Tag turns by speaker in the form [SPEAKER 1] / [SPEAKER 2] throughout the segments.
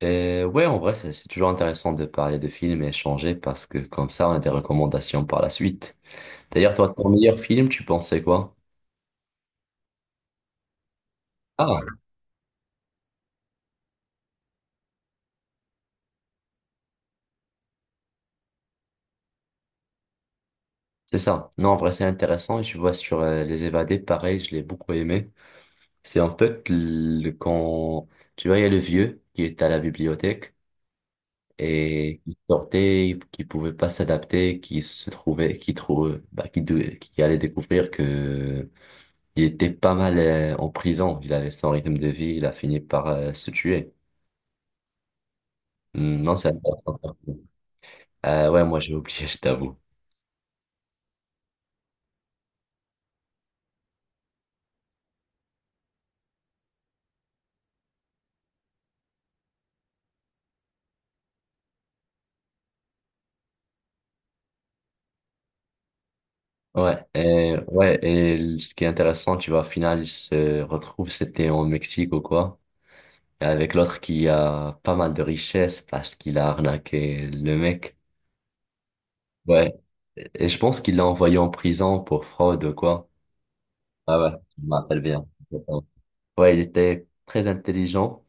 [SPEAKER 1] Et ouais, en vrai, c'est toujours intéressant de parler de films et échanger parce que comme ça, on a des recommandations par la suite. D'ailleurs, toi, ton meilleur film, tu pensais quoi? Ah, c'est ça. Non, en vrai, c'est intéressant. Et tu vois, sur Les Évadés, pareil, je l'ai beaucoup aimé. C'est en fait le, quand, tu vois, il y a le vieux qui est à la bibliothèque et qui sortait, qui pouvait pas s'adapter, qui se trouvait, qui trouve, bah, qui, qui allait découvrir que il était pas mal en prison. Il avait son rythme de vie. Il a fini par se tuer. Hmm, Non, c'est intéressant. Ouais, moi j'ai oublié, je t'avoue. Ouais, et, ouais, et ce qui est intéressant, tu vois, au final, ils se retrouvent, c'était en Mexique ou quoi, avec l'autre qui a pas mal de richesses parce qu'il a arnaqué le mec. Ouais, et je pense qu'il l'a envoyé en prison pour fraude ou quoi. Ah ouais, je me rappelle bien. Ouais, il était très intelligent.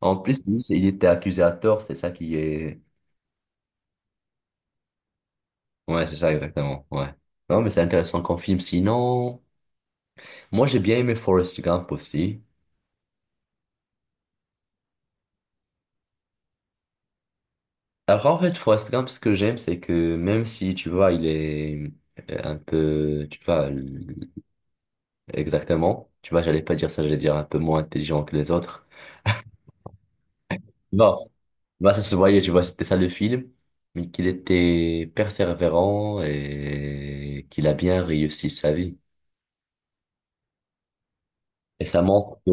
[SPEAKER 1] En plus, lui, il était accusé à tort, c'est ça qui est... Ouais, c'est ça exactement, ouais. Non, mais c'est intéressant qu'on filme. Sinon, moi j'ai bien aimé Forrest Gump aussi. Alors en fait, Forrest Gump, ce que j'aime, c'est que même si, tu vois, il est un peu, tu vois, exactement, tu vois, j'allais pas dire ça, j'allais dire un peu moins intelligent que les autres. Bon, bah, ça se voyait, tu vois, c'était ça le film, mais qu'il était persévérant et qu'il a bien réussi sa vie. Et ça montre que,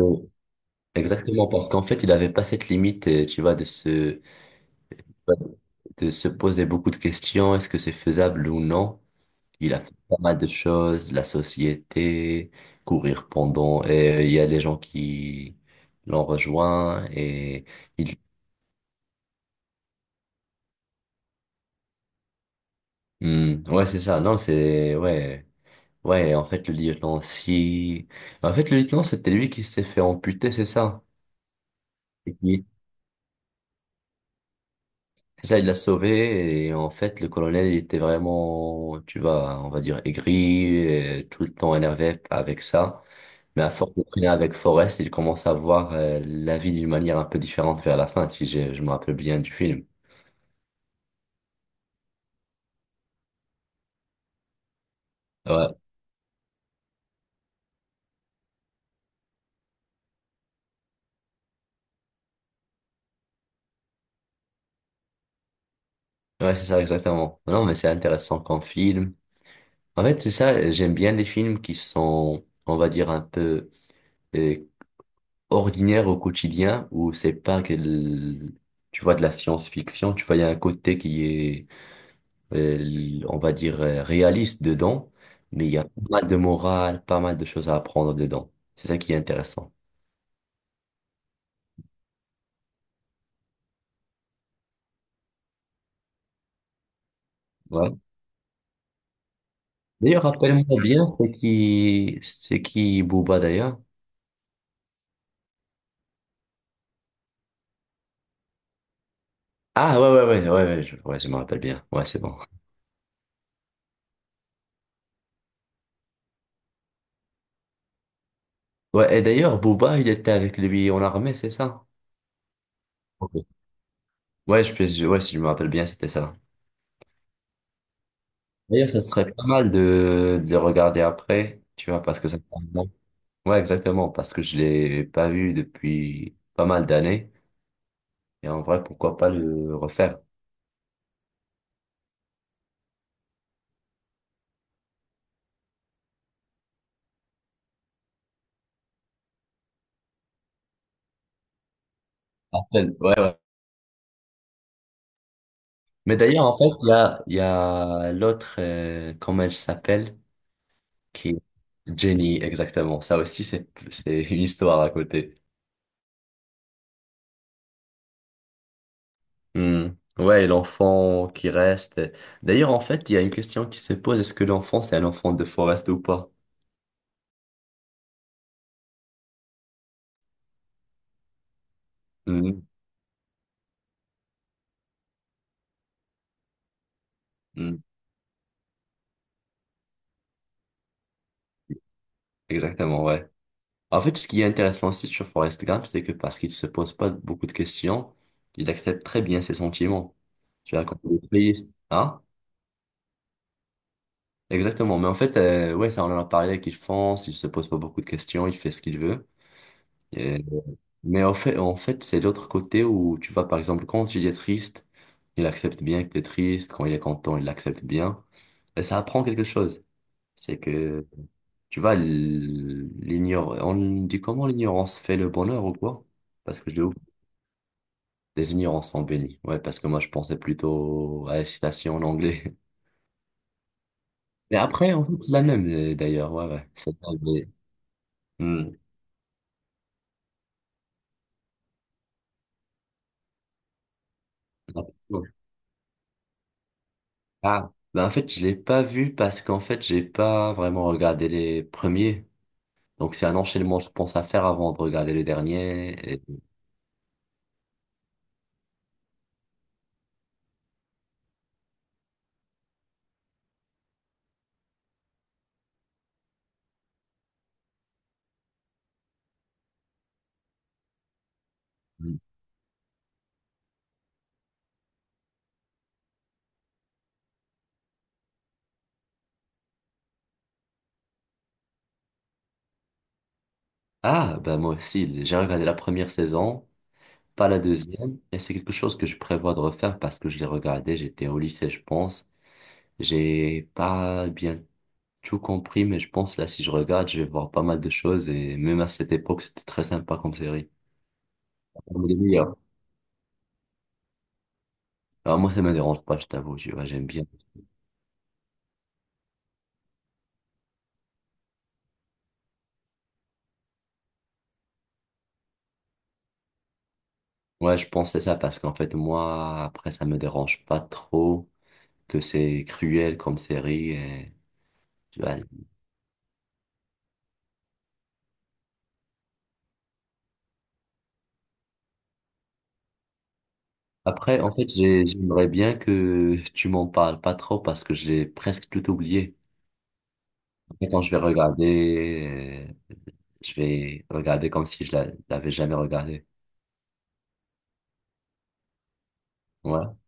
[SPEAKER 1] exactement, parce qu'en fait, il n'avait pas cette limite, tu vois, de se poser beaucoup de questions, est-ce que c'est faisable ou non? Il a fait pas mal de choses, la société, courir pendant, et il y a des gens qui l'ont rejoint, et il, Hmm, ouais, c'est ça, non, c'est, ouais, ouais, en fait, le lieutenant, si, en fait, le lieutenant, c'était lui qui s'est fait amputer, c'est ça? Ça, il l'a sauvé et en fait, le colonel, il était vraiment, tu vois, on va dire aigri, et tout le temps énervé avec ça. Mais à force de traîner avec Forrest, il commence à voir la vie d'une manière un peu différente vers la fin, si j'ai- je me rappelle bien du film. Ouais, ouais, c'est ça, exactement. Non, mais c'est intéressant comme film. En fait, c'est ça, j'aime bien les films qui sont, on va dire, un peu euh, ordinaires au quotidien, où c'est pas que, tu vois, de la science-fiction, tu vois, il y a un côté qui est on va dire, réaliste dedans, mais il y a pas mal de morale, pas mal de choses à apprendre dedans. C'est ça qui est intéressant. Ouais. D'ailleurs, rappelle-moi bien, c'est qui Booba d'ailleurs? Ah ouais, ouais, ouais, ouais, ouais, je me rappelle bien. Ouais, c'est bon. Ouais, et d'ailleurs, Booba, il était avec lui en armée, c'est ça? Ok. Ouais, je, ouais, si je me rappelle bien, c'était ça. D'ailleurs, ça serait pas mal de le regarder après, tu vois, parce que ça fait un moment. Ouais, exactement, parce que je l'ai pas vu depuis pas mal d'années. Et en vrai, pourquoi pas le refaire? Appel, ouais, ouais. Mais d'ailleurs, en fait, là, il y a l'autre, comment elle s'appelle, qui est Jenny, exactement. Ça aussi, c'est une histoire à côté. Hmm. Ouais, et l'enfant qui reste. D'ailleurs, en fait, il y a une question qui se pose, est-ce que l'enfant, c'est un enfant de Forrest ou pas? Hmm. Hmm. Exactement, ouais. En fait, ce qui est intéressant aussi sur Forrest Gump, c'est que parce qu'il se pose pas beaucoup de questions, il accepte très bien ses sentiments. Tu vois, quand il est triste, hein? Exactement, mais en fait, ouais, ça on en a parlé avec Ilfance, il se pose pas beaucoup de questions, il fait ce qu'il veut. Et mais en fait, c'est l'autre côté où tu vois, par exemple, quand il est triste, il accepte bien qu'il est triste, quand il est content, il l'accepte bien. Et ça apprend quelque chose. C'est que, tu vois, l'ignor... on dit comment l'ignorance fait le bonheur ou quoi? Parce que je l'ai les ignorances sont bénies. Ouais, parce que moi, je pensais plutôt à la citation en anglais. Mais après, en fait, c'est la même, d'ailleurs. Ouais, ouais. C'est ça, mais ah, bah en fait, je l'ai pas vu parce qu'en fait, j'ai pas vraiment regardé les premiers. Donc, c'est un enchaînement, je pense, à faire avant de regarder le dernier. Et ah, bah moi aussi, j'ai regardé la première saison, pas la deuxième. Et c'est quelque chose que je prévois de refaire parce que je l'ai regardé, j'étais au lycée, je pense. J'ai pas bien tout compris, mais je pense là, si je regarde, je vais voir pas mal de choses. Et même à cette époque, c'était très sympa comme série. Parmi les meilleures. Alors, moi, ça me dérange pas, je t'avoue, tu vois, j'aime bien. Ouais, je pense que c'est ça parce qu'en fait, moi, après, ça me dérange pas trop que c'est cruel comme série. Et, tu vois. Après, en fait, j'aimerais bien que tu m'en parles pas trop parce que j'ai presque tout oublié. Après, quand je vais regarder comme si l'avais jamais regardé. Ouais.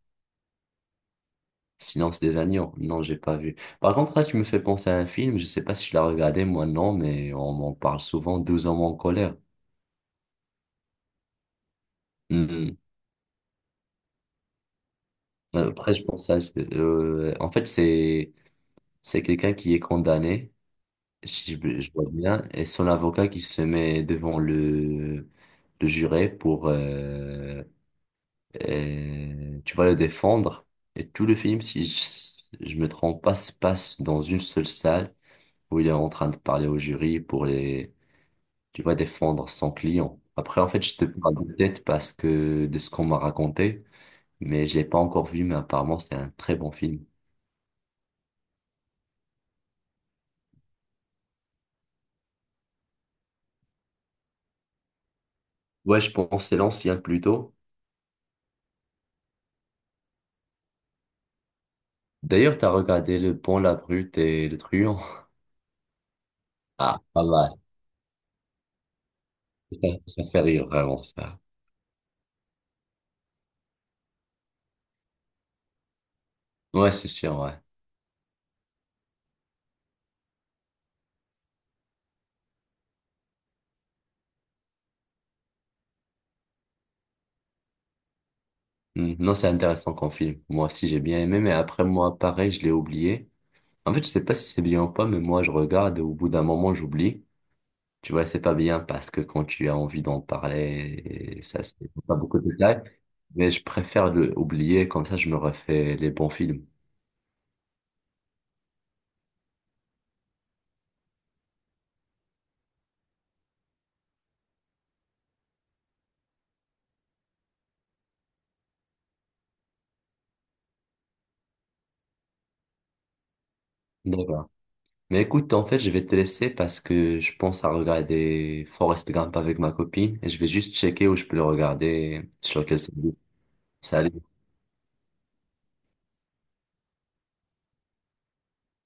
[SPEAKER 1] Silence des agneaux. Non, j'ai pas vu. Par contre, là, tu me fais penser à un film. Je sais pas si je l'ai regardé, moi, non, mais on m'en parle souvent, douze hommes en colère. Hmm. Après, je pense à... en fait, c'est quelqu'un qui est condamné, si je, je vois bien, et son avocat qui se met devant le juré pour, tu vas le défendre. Et tout le film, si je, je me trompe pas, se passe dans une seule salle où il est en train de parler au jury pour les, tu vas défendre son client. Après, en fait, je te parle de tête parce que de ce qu'on m'a raconté, mais je l'ai pas encore vu, mais apparemment, c'est un très bon film. Ouais, je pense que c'est l'ancien plutôt. D'ailleurs, t'as regardé Le Bon, la Brute et le Truand. Ah, pas mal. Ça, ça fait rire vraiment ça. Ouais, c'est sûr, ouais. Hmm, Non, c'est intéressant comme film. Moi aussi, j'ai bien aimé, mais après moi, pareil, je l'ai oublié. En fait, je sais pas si c'est bien ou pas, mais moi, je regarde et au bout d'un moment, j'oublie. Tu vois, c'est pas bien parce que quand tu as envie d'en parler, ça, c'est pas beaucoup de détails. Mais je préfère le oublier, comme ça, je me refais les bons films. D'accord. Mais écoute, en fait, je vais te laisser parce que je pense à regarder Forrest Gump avec ma copine et je vais juste checker où je peux le regarder sur quel service. Salut.